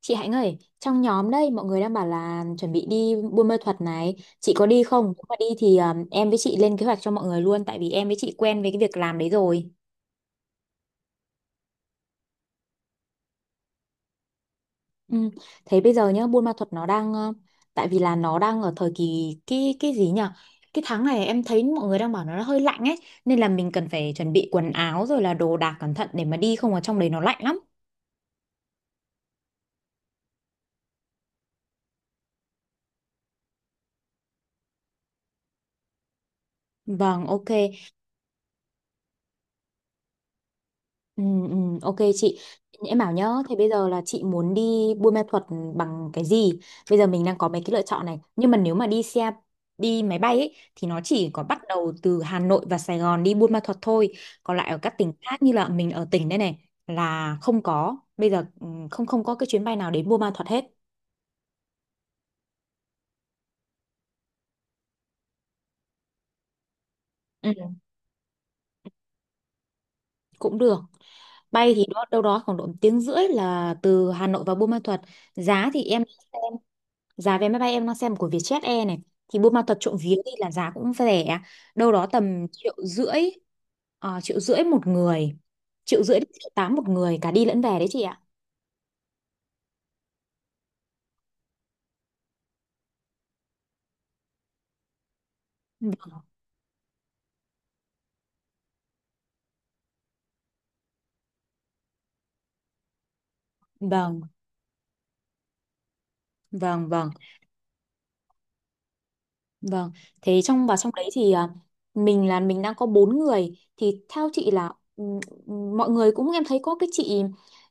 Chị Hạnh ơi, trong nhóm đây mọi người đang bảo là chuẩn bị đi Buôn Ma Thuột này, chị có đi không? Nếu mà đi thì em với chị lên kế hoạch cho mọi người luôn, tại vì em với chị quen với cái việc làm đấy rồi. Ừ. Thế bây giờ nhá, Buôn Ma Thuột nó đang tại vì là nó đang ở thời kỳ cái gì nhỉ? Cái tháng này em thấy mọi người đang bảo nó hơi lạnh ấy, nên là mình cần phải chuẩn bị quần áo rồi là đồ đạc cẩn thận để mà đi, không ở trong đấy nó lạnh lắm. Vâng, ok. Ừ, ừ, ok chị, em bảo nhá. Thế bây giờ là chị muốn đi Buôn Ma Thuột bằng cái gì? Bây giờ mình đang có mấy cái lựa chọn này, nhưng mà nếu mà đi xe, đi máy bay ấy, thì nó chỉ có bắt đầu từ Hà Nội và Sài Gòn đi Buôn Ma Thuột thôi, còn lại ở các tỉnh khác, như là mình ở tỉnh đây này, là không có. Bây giờ không không có cái chuyến bay nào đến Buôn Ma Thuột hết. Ừ, cũng được. Bay thì đó đâu đó khoảng độ một tiếng rưỡi là từ Hà Nội vào Buôn Ma Thuột. Giá thì em xem, giá vé máy bay em đang xem của Vietjet Air này thì Buôn Ma Thuột trộm vía đi là giá cũng rẻ, đâu đó tầm 1,5 triệu. 1,5 triệu một người, 1,5 triệu đến 1,8 triệu một người cả đi lẫn về đấy chị ạ. Vâng, vâng, vâng, vâng. Vâng, thế trong và trong đấy thì mình đang có bốn người, thì theo chị là mọi người cũng, em thấy có cái chị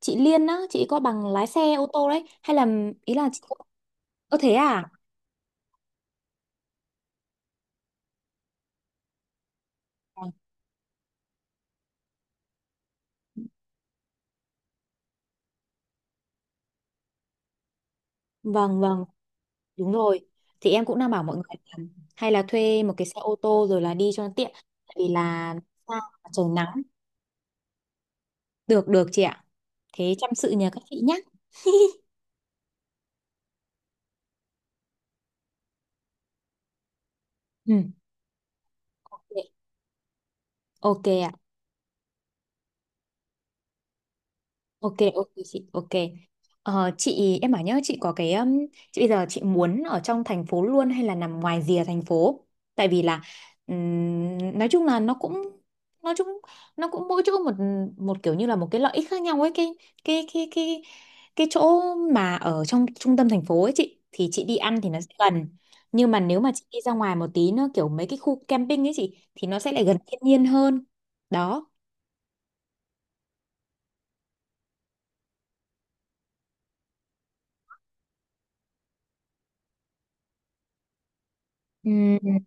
chị Liên á, chị có bằng lái xe ô tô đấy hay là, ý là chị có, thế à? Vâng vâng, đúng rồi. Thì em cũng đang bảo mọi người là hay là thuê một cái xe ô tô rồi là đi cho nó tiện, tại vì là xa, trời nắng. Được được chị ạ. Thế chăm sự nhờ các chị nhé. Ừ. Ok ạ. Ok ok chị ok. Chị, em bảo nhớ chị có cái chị bây giờ chị muốn ở trong thành phố luôn hay là nằm ngoài rìa thành phố, tại vì là ừm, nói chung là nó cũng nói chung nó cũng mỗi chỗ một một kiểu, như là một cái lợi ích khác nhau ấy, cái cái cái cái chỗ mà ở trong trung tâm thành phố ấy chị, thì chị đi ăn thì nó sẽ gần, nhưng mà nếu mà chị đi ra ngoài một tí nữa kiểu mấy cái khu camping ấy chị thì nó sẽ lại gần thiên nhiên hơn đó. Ừm,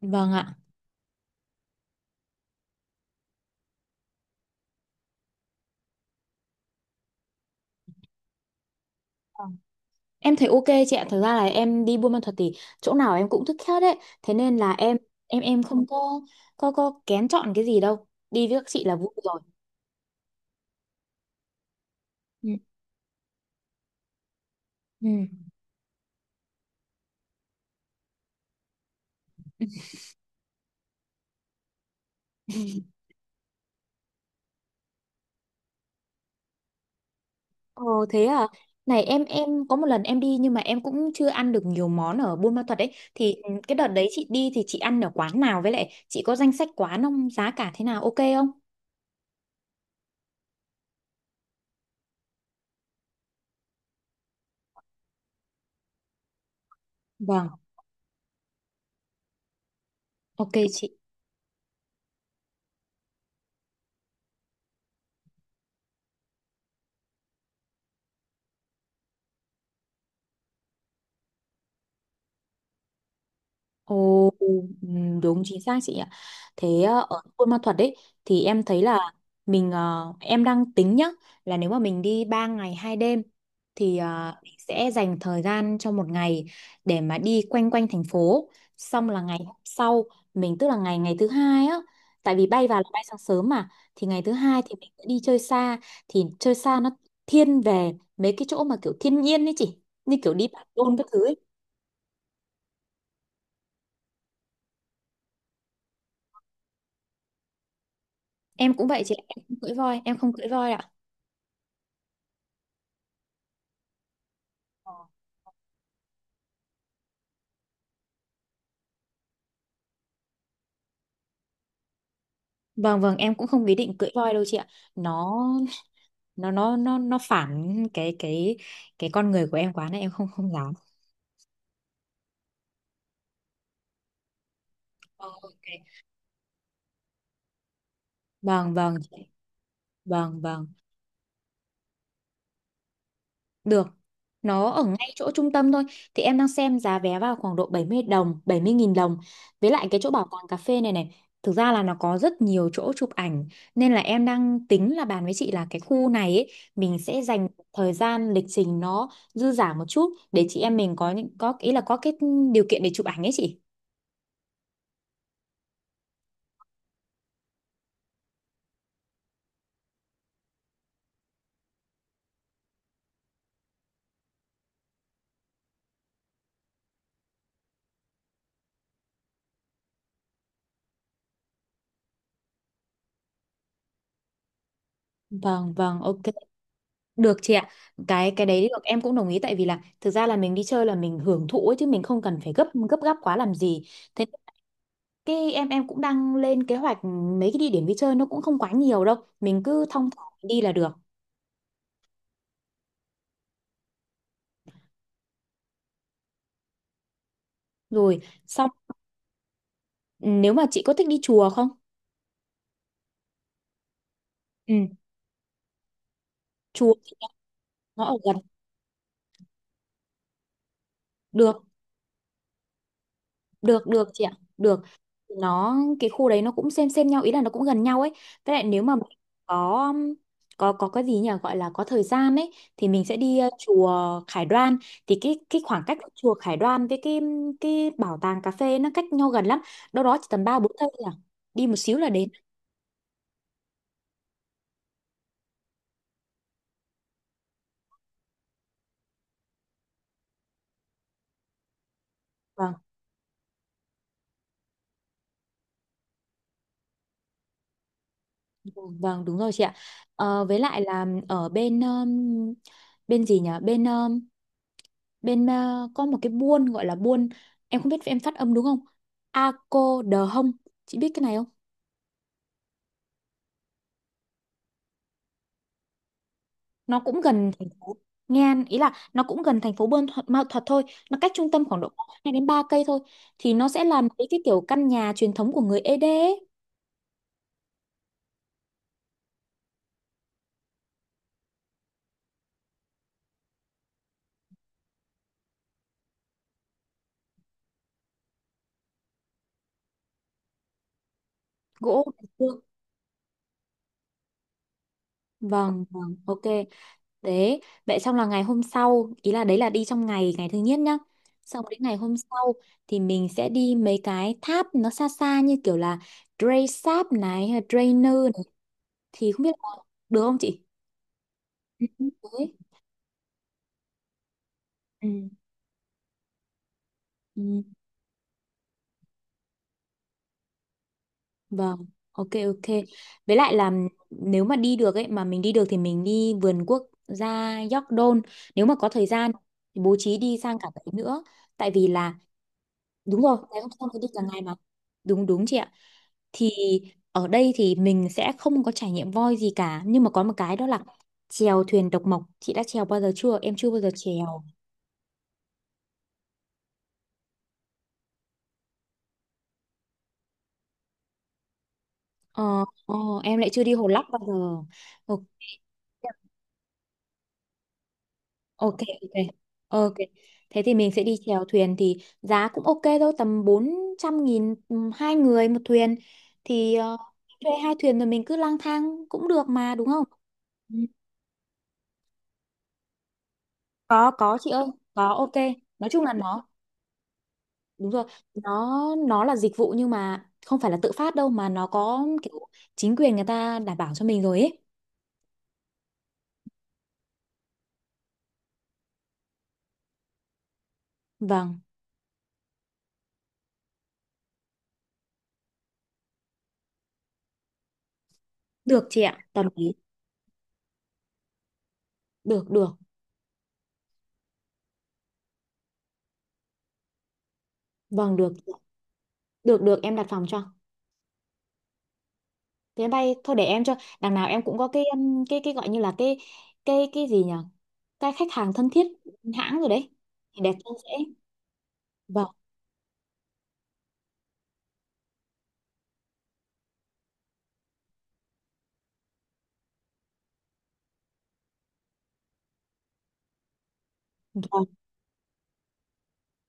vâng ạ. Em thấy ok chị ạ, thực ra là em đi Buôn Ma thuật thì chỗ nào em cũng thích hết đấy. Thế nên là em không có kén chọn cái gì đâu. Đi với các chị là vui rồi. Ừ. Ừ. Ồ thế à. Này em có một lần em đi nhưng mà em cũng chưa ăn được nhiều món ở Buôn Ma Thuột đấy. Thì cái đợt đấy chị đi thì chị ăn ở quán nào, với lại chị có danh sách quán không? Giá cả thế nào, ok không? Vâng, ok chị. Ồ, đúng chính xác chị ạ. Thế ở Buôn Ma Thuột đấy thì em thấy là mình, em đang tính nhá, là nếu mà mình đi 3 ngày 2 đêm thì mình sẽ dành thời gian cho một ngày để mà đi quanh quanh thành phố, xong là ngày hôm sau mình, tức là ngày ngày thứ hai á, tại vì bay vào là bay sáng sớm mà, thì ngày thứ hai thì mình sẽ đi chơi xa, thì chơi xa nó thiên về mấy cái chỗ mà kiểu thiên nhiên ấy chị, như kiểu đi Bản Đôn các thứ ấy. Em cũng vậy chị ạ, em không cưỡi voi, em không cưỡi voi ạ. Ờ. Vâng vâng, em cũng không ý định cưỡi voi đâu chị ạ. Nó nó phản cái con người của em quá nên em không không dám. Ờ, ok. Vâng vâng, chị. Vâng vâng. Được. Nó ở ngay chỗ trung tâm thôi. Thì em đang xem giá vé vào khoảng độ 70 đồng, 70.000 đồng. Với lại cái chỗ bảo tàng cà phê này này, thực ra là nó có rất nhiều chỗ chụp ảnh, nên là em đang tính là bàn với chị là cái khu này ấy, mình sẽ dành thời gian lịch trình nó dư dả một chút, để chị em mình có những, có ý là có cái điều kiện để chụp ảnh ấy chị. Vâng, vâng, ok. Được chị ạ. Cái đấy được, em cũng đồng ý, tại vì là thực ra là mình đi chơi là mình hưởng thụ ấy, chứ mình không cần phải gấp gấp gáp quá làm gì. Thế. Cái em cũng đang lên kế hoạch mấy cái địa điểm đi chơi, nó cũng không quá nhiều đâu. Mình cứ thong thả đi là được. Rồi, xong ừ, nếu mà chị có thích đi chùa không? Ừ, chùa thì nó ở gần. Được. Được được chị ạ, được. Nó cái khu đấy nó cũng xem nhau, ý là nó cũng gần nhau ấy. Với lại nếu mà mình có có cái gì nhỉ, gọi là có thời gian ấy, thì mình sẽ đi chùa Khải Đoan. Thì cái khoảng cách của chùa Khải Đoan với cái bảo tàng cà phê nó cách nhau gần lắm. Đâu đó chỉ tầm 3-4 cây thôi à. Đi một xíu là đến. Vâng, vâng vâng, đúng rồi chị ạ. Với lại là ở bên bên gì nhỉ? Bên bên có một cái buôn gọi là buôn, em không biết em phát âm đúng không, Ako Đờ Hông, chị biết cái này không? Nó cũng gần thành phố. Ngan ý là nó cũng gần thành phố Buôn Thuật, Mao Thuật thôi, nó cách trung tâm khoảng độ 2-3 cây thôi, thì nó sẽ làm cái kiểu căn nhà truyền thống của người Ede ấy. Gỗ ngày xưa. Vâng vâng ok. Đấy, vậy xong là ngày hôm sau, ý là đấy là đi trong ngày, ngày thứ nhất nhá. Xong đến ngày hôm sau thì mình sẽ đi mấy cái tháp nó xa xa, như kiểu là Dre Sáp này, hay là Dre Nư này. Thì không biết là được không chị? Ừ. Đấy. Ừ. Ừ, vâng, ok ok. Với lại là nếu mà đi được ấy, mà mình đi được thì mình đi vườn quốc gia York Don. Nếu mà có thời gian thì bố trí đi sang cả đấy nữa. Tại vì là, đúng rồi, ngày hôm sau thì đi cả ngày mà. Đúng đúng chị ạ. Thì ở đây thì mình sẽ không có trải nghiệm voi gì cả, nhưng mà có một cái đó là chèo thuyền độc mộc, chị đã chèo bao giờ chưa, em chưa bao giờ chèo. ờ, ờ, em lại chưa đi Hồ Lắc bao giờ. Ok ok ok ok. Thế thì mình sẽ đi chèo thuyền, thì giá cũng ok thôi, tầm 400.000, hai người một thuyền. Thì thuê hai thuyền rồi mình cứ lang thang cũng được mà, đúng không? Ừ. Có chị ơi, có, ok. Nói chung là nó, đúng rồi, nó nó là dịch vụ nhưng mà không phải là tự phát đâu, mà nó có kiểu chính quyền người ta đảm bảo cho mình rồi ấy. Vâng. Được chị ạ. Đồng ý. Được được. Vâng, được. Được được em đặt phòng cho. Thế bay thôi, để em cho. Đằng nào em cũng có cái cái gọi như là cái gì nhỉ, cái khách hàng thân thiết hãng rồi đấy, thì đẹp cho dễ. Vâng vâng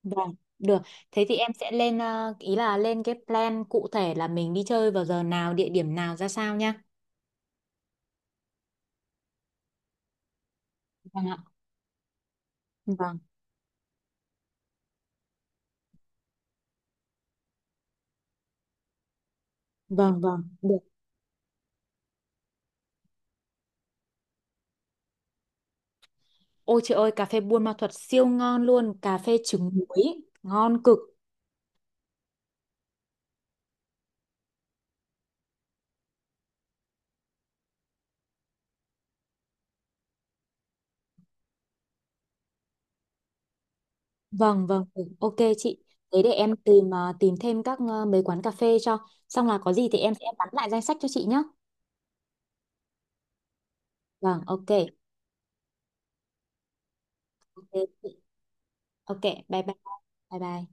vâng, được. Thế thì em sẽ lên ý là lên cái plan cụ thể, là mình đi chơi vào giờ nào, địa điểm nào, ra sao nha. Vâng ạ. Vâng. Vâng vâng, được. Ôi trời ơi, cà phê Buôn Ma Thuột siêu ngon luôn, cà phê trứng muối ngon cực. Vâng vâng, được. Ok chị, thế để em tìm tìm thêm các, mấy quán cà phê cho. Xong là có gì thì em sẽ bắn lại danh sách cho chị nhé. Vâng, ok. Ok, chị. Ok, bye bye. Bye bye.